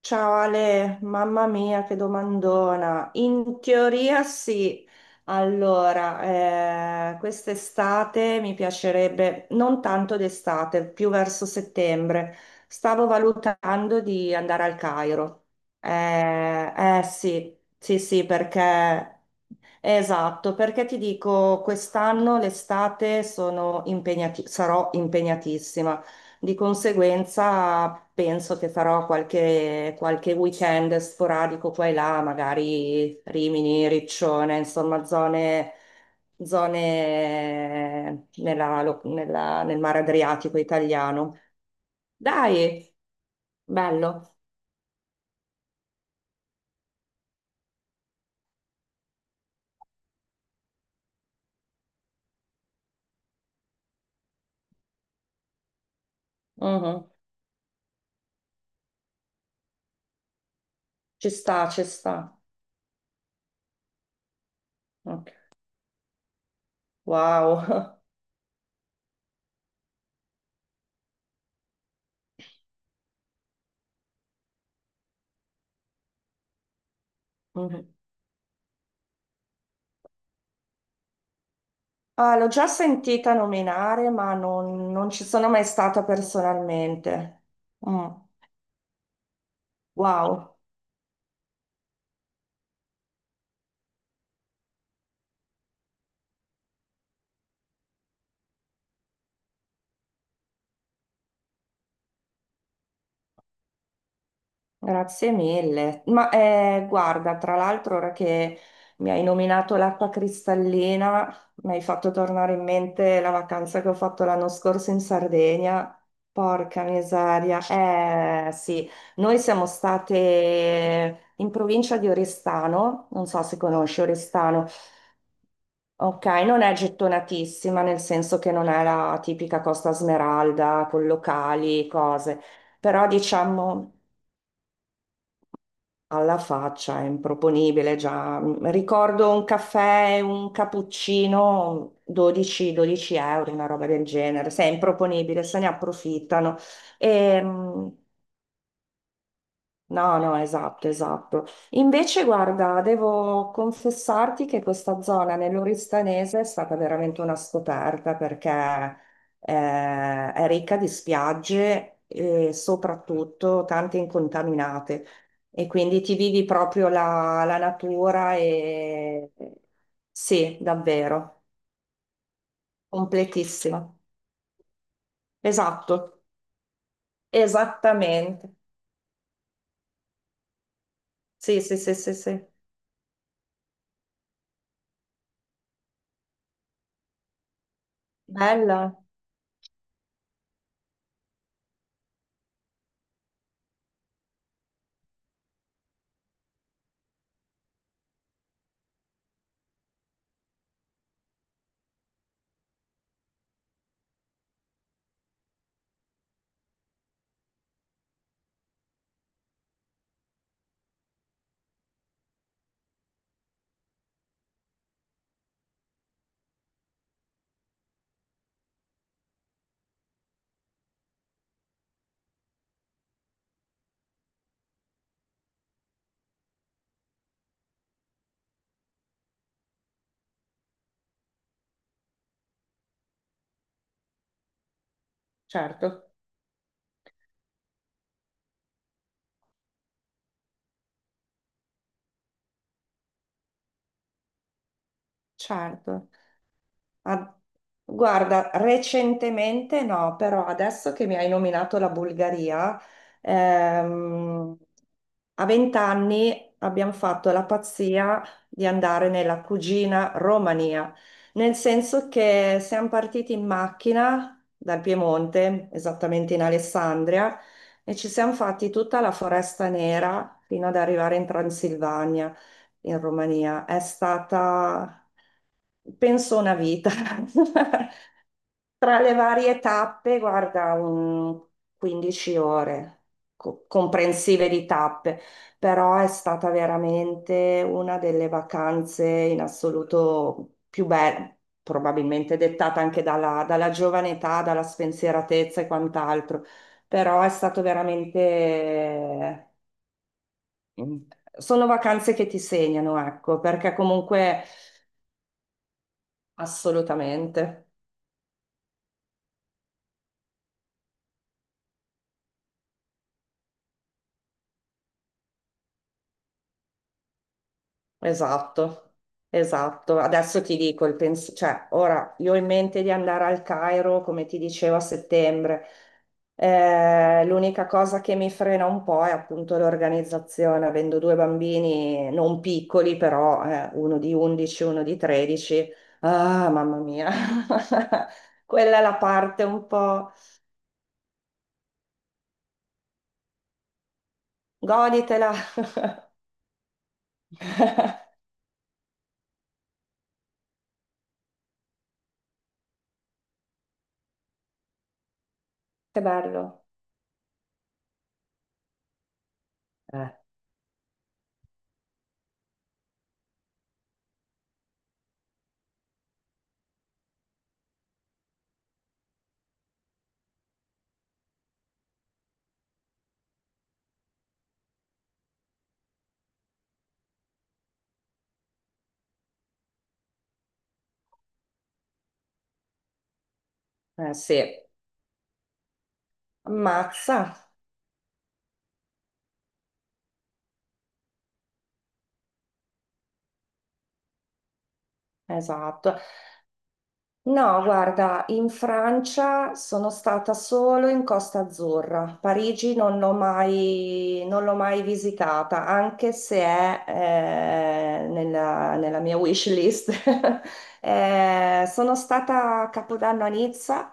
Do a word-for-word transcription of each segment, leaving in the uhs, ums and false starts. Ciao Ale, mamma mia, che domandona. In teoria sì. Allora, eh, quest'estate mi piacerebbe, non tanto d'estate, più verso settembre, stavo valutando di andare al Cairo. Eh, eh sì, sì, sì, perché. Esatto, perché ti dico, quest'anno l'estate sono impegnati- sarò impegnatissima, di conseguenza penso che farò qualche, qualche weekend sporadico qua e là, magari Rimini, Riccione, insomma zone, zone nella lo- nella- nel mare Adriatico italiano. Dai, bello. Mhm. Ci sta, ci sta. Ok. Wow. Mhm. Ah, l'ho già sentita nominare, ma non, non ci sono mai stata personalmente. Mm, wow, grazie mille. Ma eh, guarda, tra l'altro, ora che mi hai nominato l'acqua cristallina, mi hai fatto tornare in mente la vacanza che ho fatto l'anno scorso in Sardegna. Porca miseria. Eh sì, noi siamo state in provincia di Oristano, non so se conosci Oristano. Ok, non è gettonatissima nel senso che non è la tipica Costa Smeralda con locali, cose, però diciamo alla faccia è improponibile già. Mm, Ricordo un caffè, e un cappuccino, dodici-dodici euro, una roba del genere, se è improponibile, se ne approfittano. Ehm, No, no, esatto, esatto. Invece, guarda, devo confessarti che questa zona nell'Oristanese è stata veramente una scoperta perché eh, è ricca di spiagge e soprattutto tante incontaminate. E quindi ti vivi proprio la, la natura e sì, davvero, completissima. Esatto, esattamente. Sì, sì, sì, sì, sì. Bella, certo, certo. Ah, guarda, recentemente no, però adesso che mi hai nominato la Bulgaria, ehm, a vent'anni abbiamo fatto la pazzia di andare nella cugina Romania, nel senso che siamo partiti in macchina dal Piemonte, esattamente in Alessandria, e ci siamo fatti tutta la Foresta Nera fino ad arrivare in Transilvania in Romania. È stata, penso, una vita. Tra le varie tappe, guarda, un quindici ore co- comprensive di tappe, però è stata veramente una delle vacanze in assoluto più belle, probabilmente dettata anche dalla, dalla giovane età, dalla spensieratezza e quant'altro, però è stato veramente. Mm. Sono vacanze che ti segnano, ecco, perché comunque assolutamente, esatto, esatto. Adesso ti dico il pensiero, cioè ora io ho in mente di andare al Cairo, come ti dicevo, a settembre. Eh, l'unica cosa che mi frena un po' è appunto l'organizzazione, avendo due bambini non piccoli, però eh, uno di undici, uno di tredici. Ah, mamma mia, quella è la parte un po'. Goditela. Che bello. Eh, eh sì, ammazza. Esatto. No, guarda, in Francia sono stata solo in Costa Azzurra. Parigi non l'ho mai, non l'ho mai visitata, anche se è eh, nella, nella mia wish list. Eh, sono stata a Capodanno a Nizza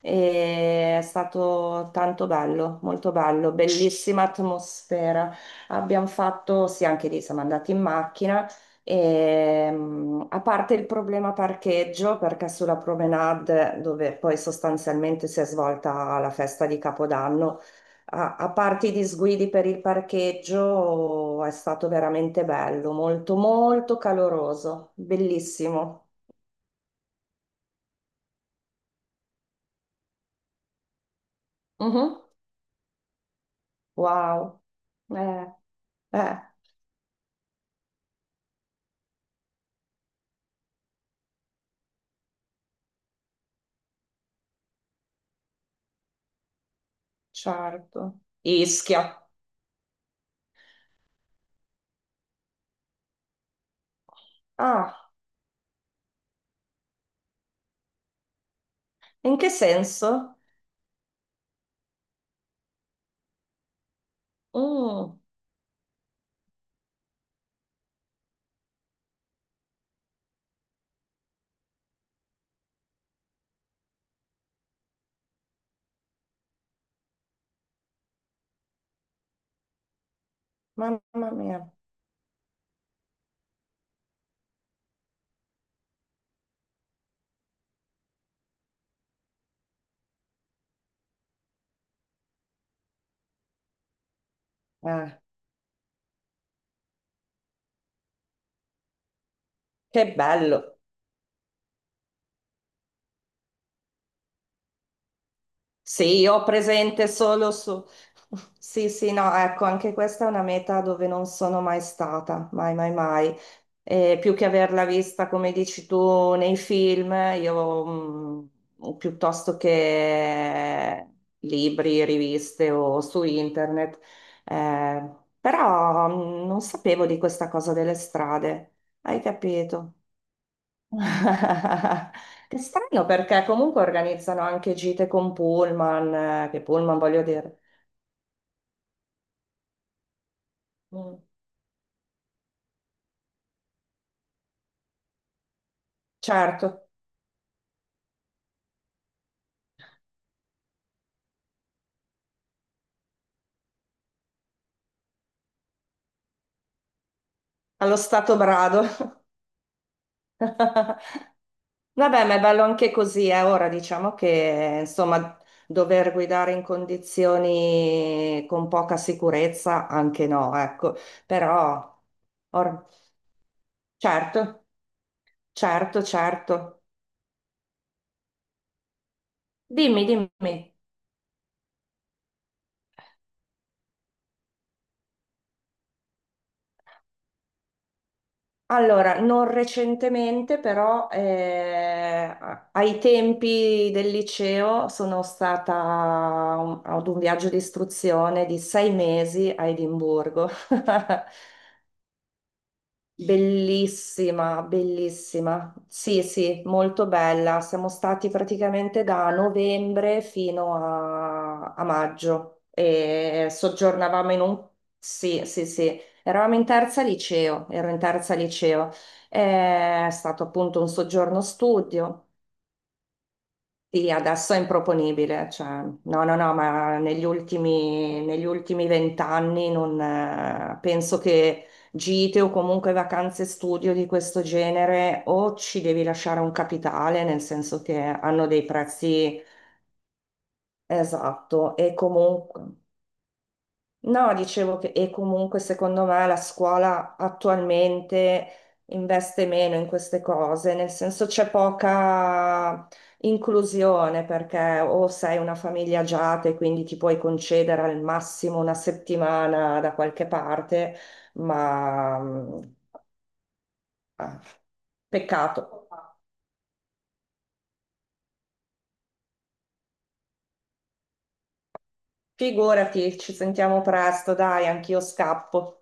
e è stato tanto bello, molto bello, bellissima atmosfera. Abbiamo fatto, sì, anche lì siamo andati in macchina. Ehm, a parte il problema parcheggio, perché sulla promenade, dove poi sostanzialmente si è svolta la festa di Capodanno, a, a parte i disguidi per il parcheggio, è stato veramente bello, molto, molto caloroso, bellissimo. Mhm. Wow. eh, eh, certo. Ischia. Ah, in che senso? Mm, mamma mia. Eh, che bello. Sì, io ho presente solo su. Sì, sì, no, ecco, anche questa è una meta dove non sono mai stata, mai, mai, mai. E più che averla vista, come dici tu, nei film, io mh, piuttosto che libri, riviste o su internet, eh, però mh, non sapevo di questa cosa delle strade, hai capito? Che strano perché comunque organizzano anche gite con Pullman, eh, che Pullman voglio dire. Mm. Certo, allo stato brado. Vabbè, ma è bello anche così, eh. Ora diciamo che insomma dover guidare in condizioni con poca sicurezza anche no, ecco, però or- certo, certo, certo. Dimmi, dimmi. Allora, non recentemente, però eh, a- ai tempi del liceo sono stata a un- ad un viaggio di istruzione di sei mesi a Edimburgo. Bellissima, bellissima. Sì, sì, molto bella. Siamo stati praticamente da novembre fino a, a maggio e soggiornavamo in un... Sì, sì, sì. Eravamo in terza liceo, ero in terza liceo. È stato appunto un soggiorno studio. Sì, adesso è improponibile, cioè, no, no, no, ma negli ultimi, negli ultimi vent'anni non, eh, penso che gite o comunque vacanze studio di questo genere o ci devi lasciare un capitale, nel senso che hanno dei prezzi. Esatto, e comunque no, dicevo che e comunque secondo me la scuola attualmente investe meno in queste cose, nel senso c'è poca inclusione perché o sei una famiglia agiata e quindi ti puoi concedere al massimo una settimana da qualche parte, ma mm, ah, peccato. Figurati, ci sentiamo presto, dai, anch'io scappo.